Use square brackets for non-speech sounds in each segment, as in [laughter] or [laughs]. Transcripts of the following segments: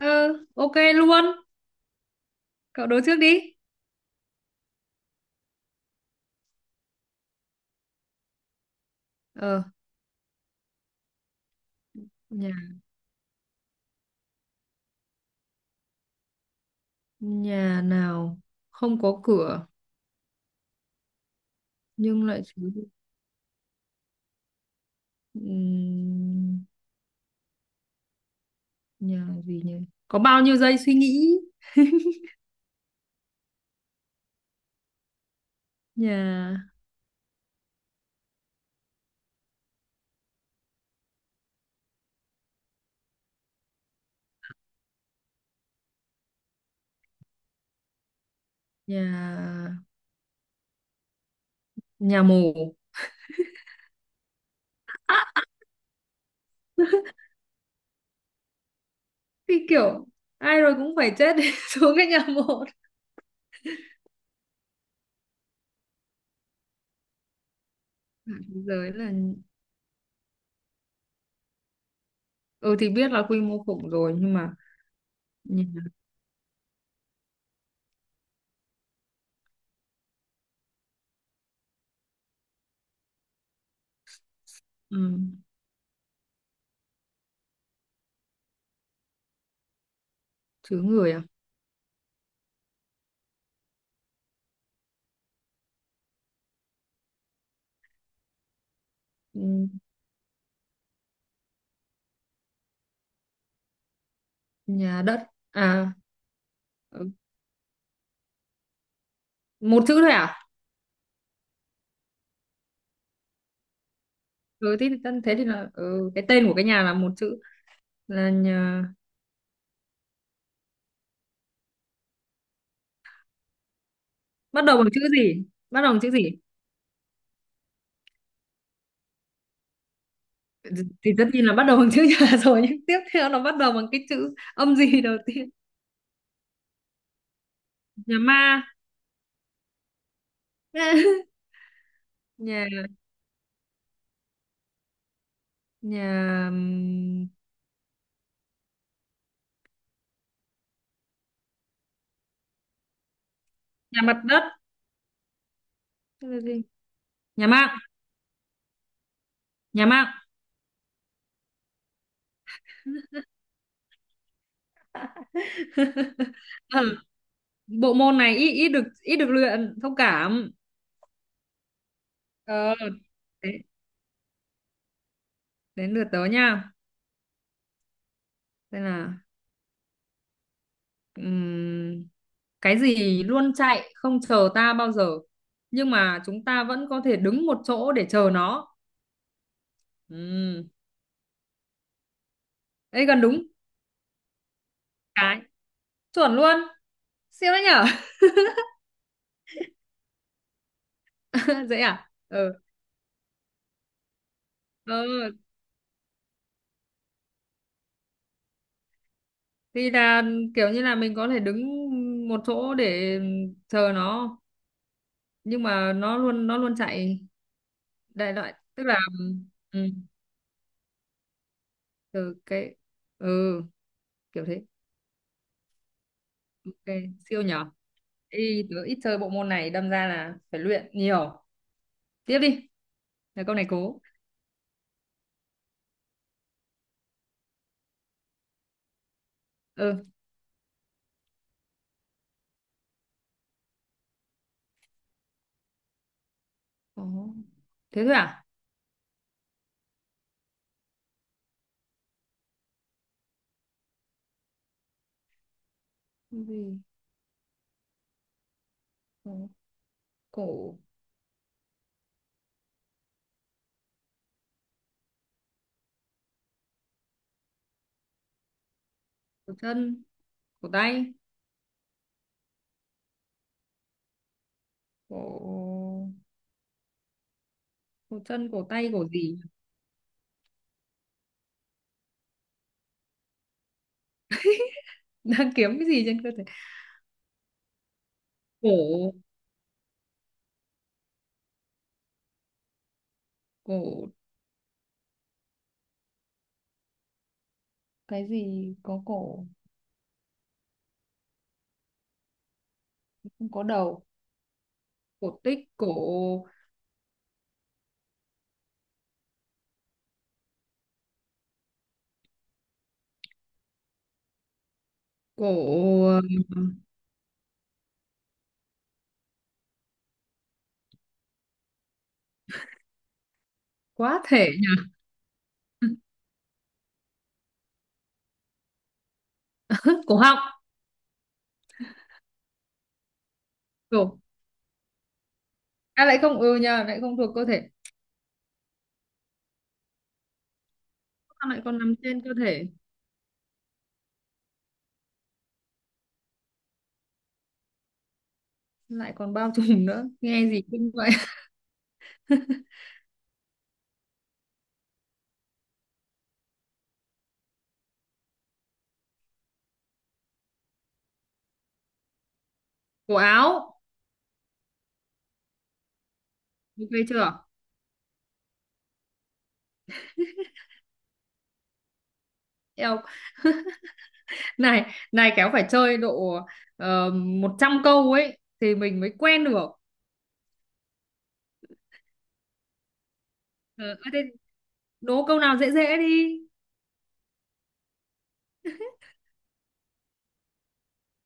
Ừ, ok luôn. Cậu đố trước đi. Ờ, nhà nhà nào không có cửa nhưng lại chứa được. Ừm, Nhà gì nhỉ? Có bao nhiêu giây suy nghĩ? Nhà nhà nhà mồ. Thì kiểu ai rồi cũng phải chết để [laughs] xuống cái nhà mồ. Cả thế giới là ừ thì biết là quy mô khủng rồi nhưng mà nhà ừ, chứa người à? Ừm, Nhà đất à? Ừ, một chữ thôi à? Ừ thế thì thế thì là ừ, cái tên của cái nhà là một chữ, là nhà. Bắt đầu bằng chữ gì? Bắt đầu bằng chữ gì? Thì tất nhiên là bắt đầu bằng chữ nhà [laughs] rồi, nhưng tiếp theo nó bắt đầu bằng cái chữ âm gì đầu tiên? Nhà ma. [laughs] nhà nhà nhà mặt đất. Thế là gì? Nhà mạng. Nhà mạng. [laughs] Ừ. Bộ môn này ít ít được luyện, thông cảm. Ờ, đến đến lượt tớ nha. Đây là Ừm, cái gì luôn chạy không chờ ta bao giờ, nhưng mà chúng ta vẫn có thể đứng một chỗ để chờ nó? Ừm, Ấy gần đúng. cái Chuẩn luôn. Siêu đấy nhở. [laughs] Dễ à? Ừ. Ừ thì là kiểu như là mình có thể đứng một chỗ để chờ nó, nhưng mà nó luôn chạy. Đại loại tức là ừ, từ cái ừ kiểu thế. Ok. Siêu nhở. Ê, tớ ít chơi bộ môn này đâm ra là phải luyện nhiều. Tiếp đi. Là câu này cố. Ừ. Cố. Thế thôi à? Cái gì? Cố. Cổ. Cổ chân. Cổ tay. Cổ. Cổ chân, cổ tay, cổ gì? [laughs] Đang kiếm cái gì trên cơ thể? Cổ. Cổ. Cái gì có cổ không có đầu? Cổ tích. Cổ. Cổ. ừm, Quá thể nhỉ? [laughs] Cổ họng. Cổ. À, lại không ừ nhỉ, lại không thuộc cơ thể. Sao lại còn nằm trên cơ thể? Lại còn bao trùm nữa. Nghe gì kinh vậy? [laughs] Cổ áo. Ok chưa? Eo, này này, kéo phải chơi độ 100 câu ấy thì mình mới quen được. Ờ, ơ thế đố câu nào dễ dễ đi.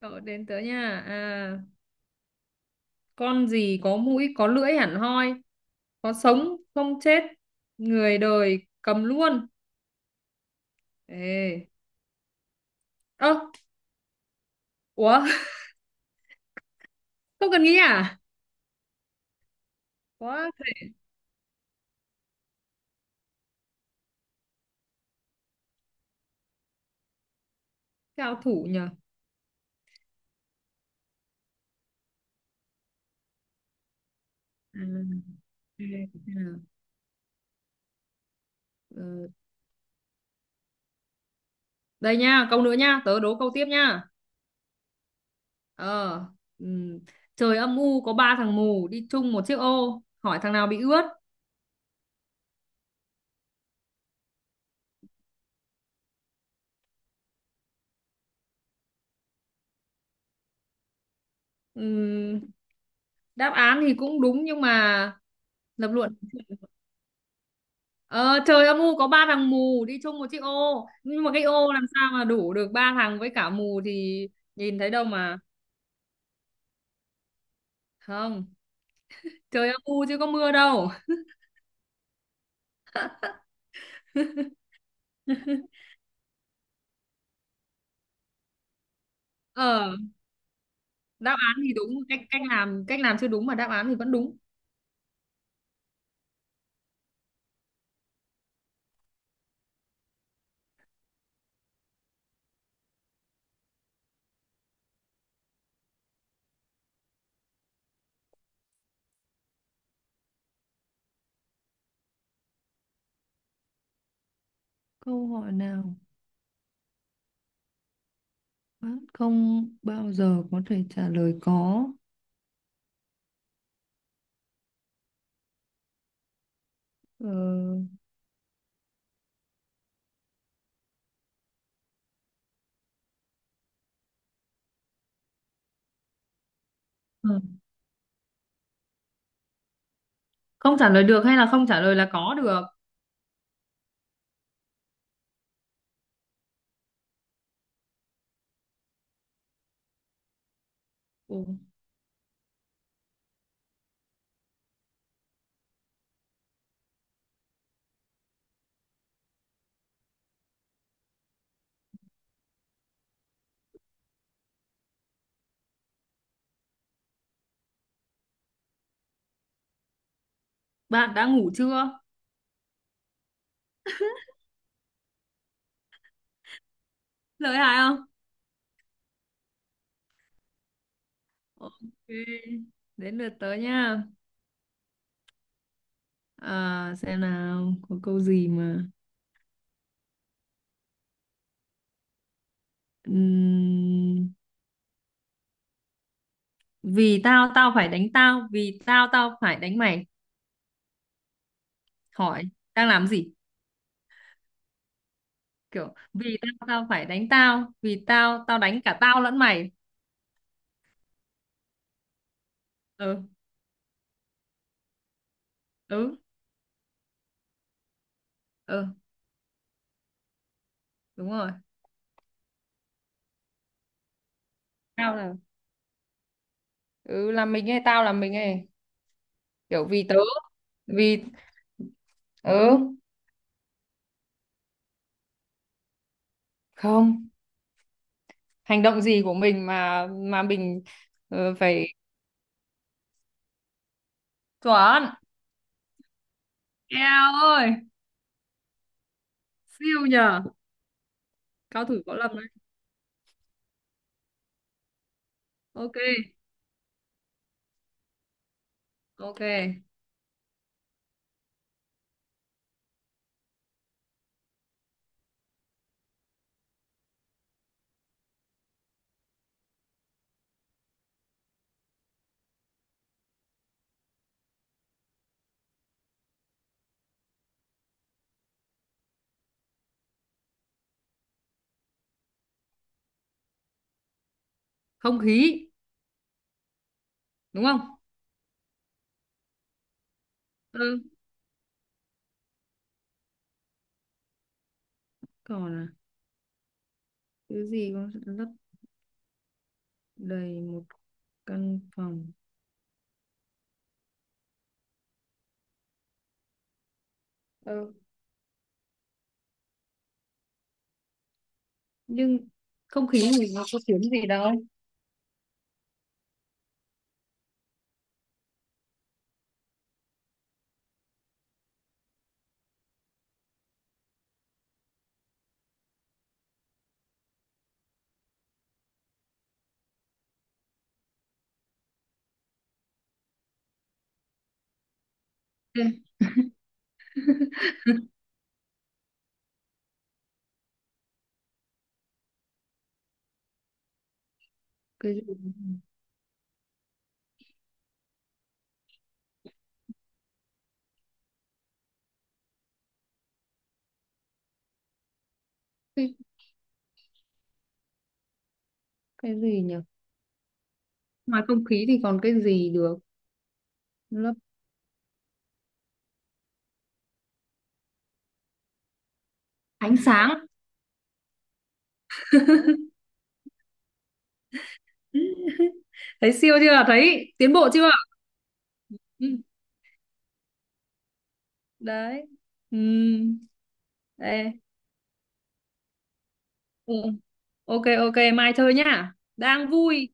Ờ, đến tớ nha. À, con gì có mũi có lưỡi hẳn hoi, có sống không chết, người đời cầm luôn? Ê, ơ, ủa. [laughs] Không cần nghĩ à? Có. Cao thủ nhờ. À, ừ, ừ. Ờ, đây nha, câu nữa nha, tớ đố câu tiếp nha. Ờ, ừm, trời âm u có ba thằng mù đi chung một chiếc ô, hỏi thằng nào bị ướt? Ừm, Đáp án thì cũng đúng nhưng mà lập luận. Ờ, trời âm u có ba thằng mù đi chung một chiếc ô, nhưng mà cái ô làm sao mà đủ được ba thằng, với cả mù thì nhìn thấy đâu mà. Không, trời âm u chứ có mưa đâu. Ờ, đáp án thì đúng, cách cách làm chưa đúng mà đáp án thì vẫn đúng. Câu hỏi nào bác không bao giờ có thể trả lời có? Ờ, không trả lời được hay là không trả lời là có được? Ồ, bạn đã ngủ chưa? Lợi hại không? Ok, đến lượt tớ nha. À, xem nào, có câu gì mà... Ừm, Vì tao, tao phải đánh tao, vì tao, tao phải đánh mày. Hỏi, đang làm gì? Kiểu, vì tao, tao phải đánh tao, vì tao, tao đánh cả tao lẫn mày. Ừ, ừ, ừ, đúng rồi. Tao là... Ừ, là mình hay tao là mình ấy. Kiểu vì tớ, vì... Ừ, không. Hành động gì của mình mà mình phải. Chuẩn. Eo ơi. Siêu nhờ. Cao thủ võ lâm đấy. Ok, ok. Không khí, đúng không? Ừ, còn à? Thứ gì cũng sẽ lấp đầy một căn phòng. Ừ. Nhưng không khí thì nó có tiếng gì đâu. Ê, cái gì? cái, cái gì nhỉ? Ngoài không khí thì còn cái gì được lấp? Ánh sáng. [laughs] Thấy siêu chưa? Thấy tiến bộ chưa? Ừ. Đấy. Ừ. Ê. Ừ. Ok, ok, mai chơi nhá, đang vui.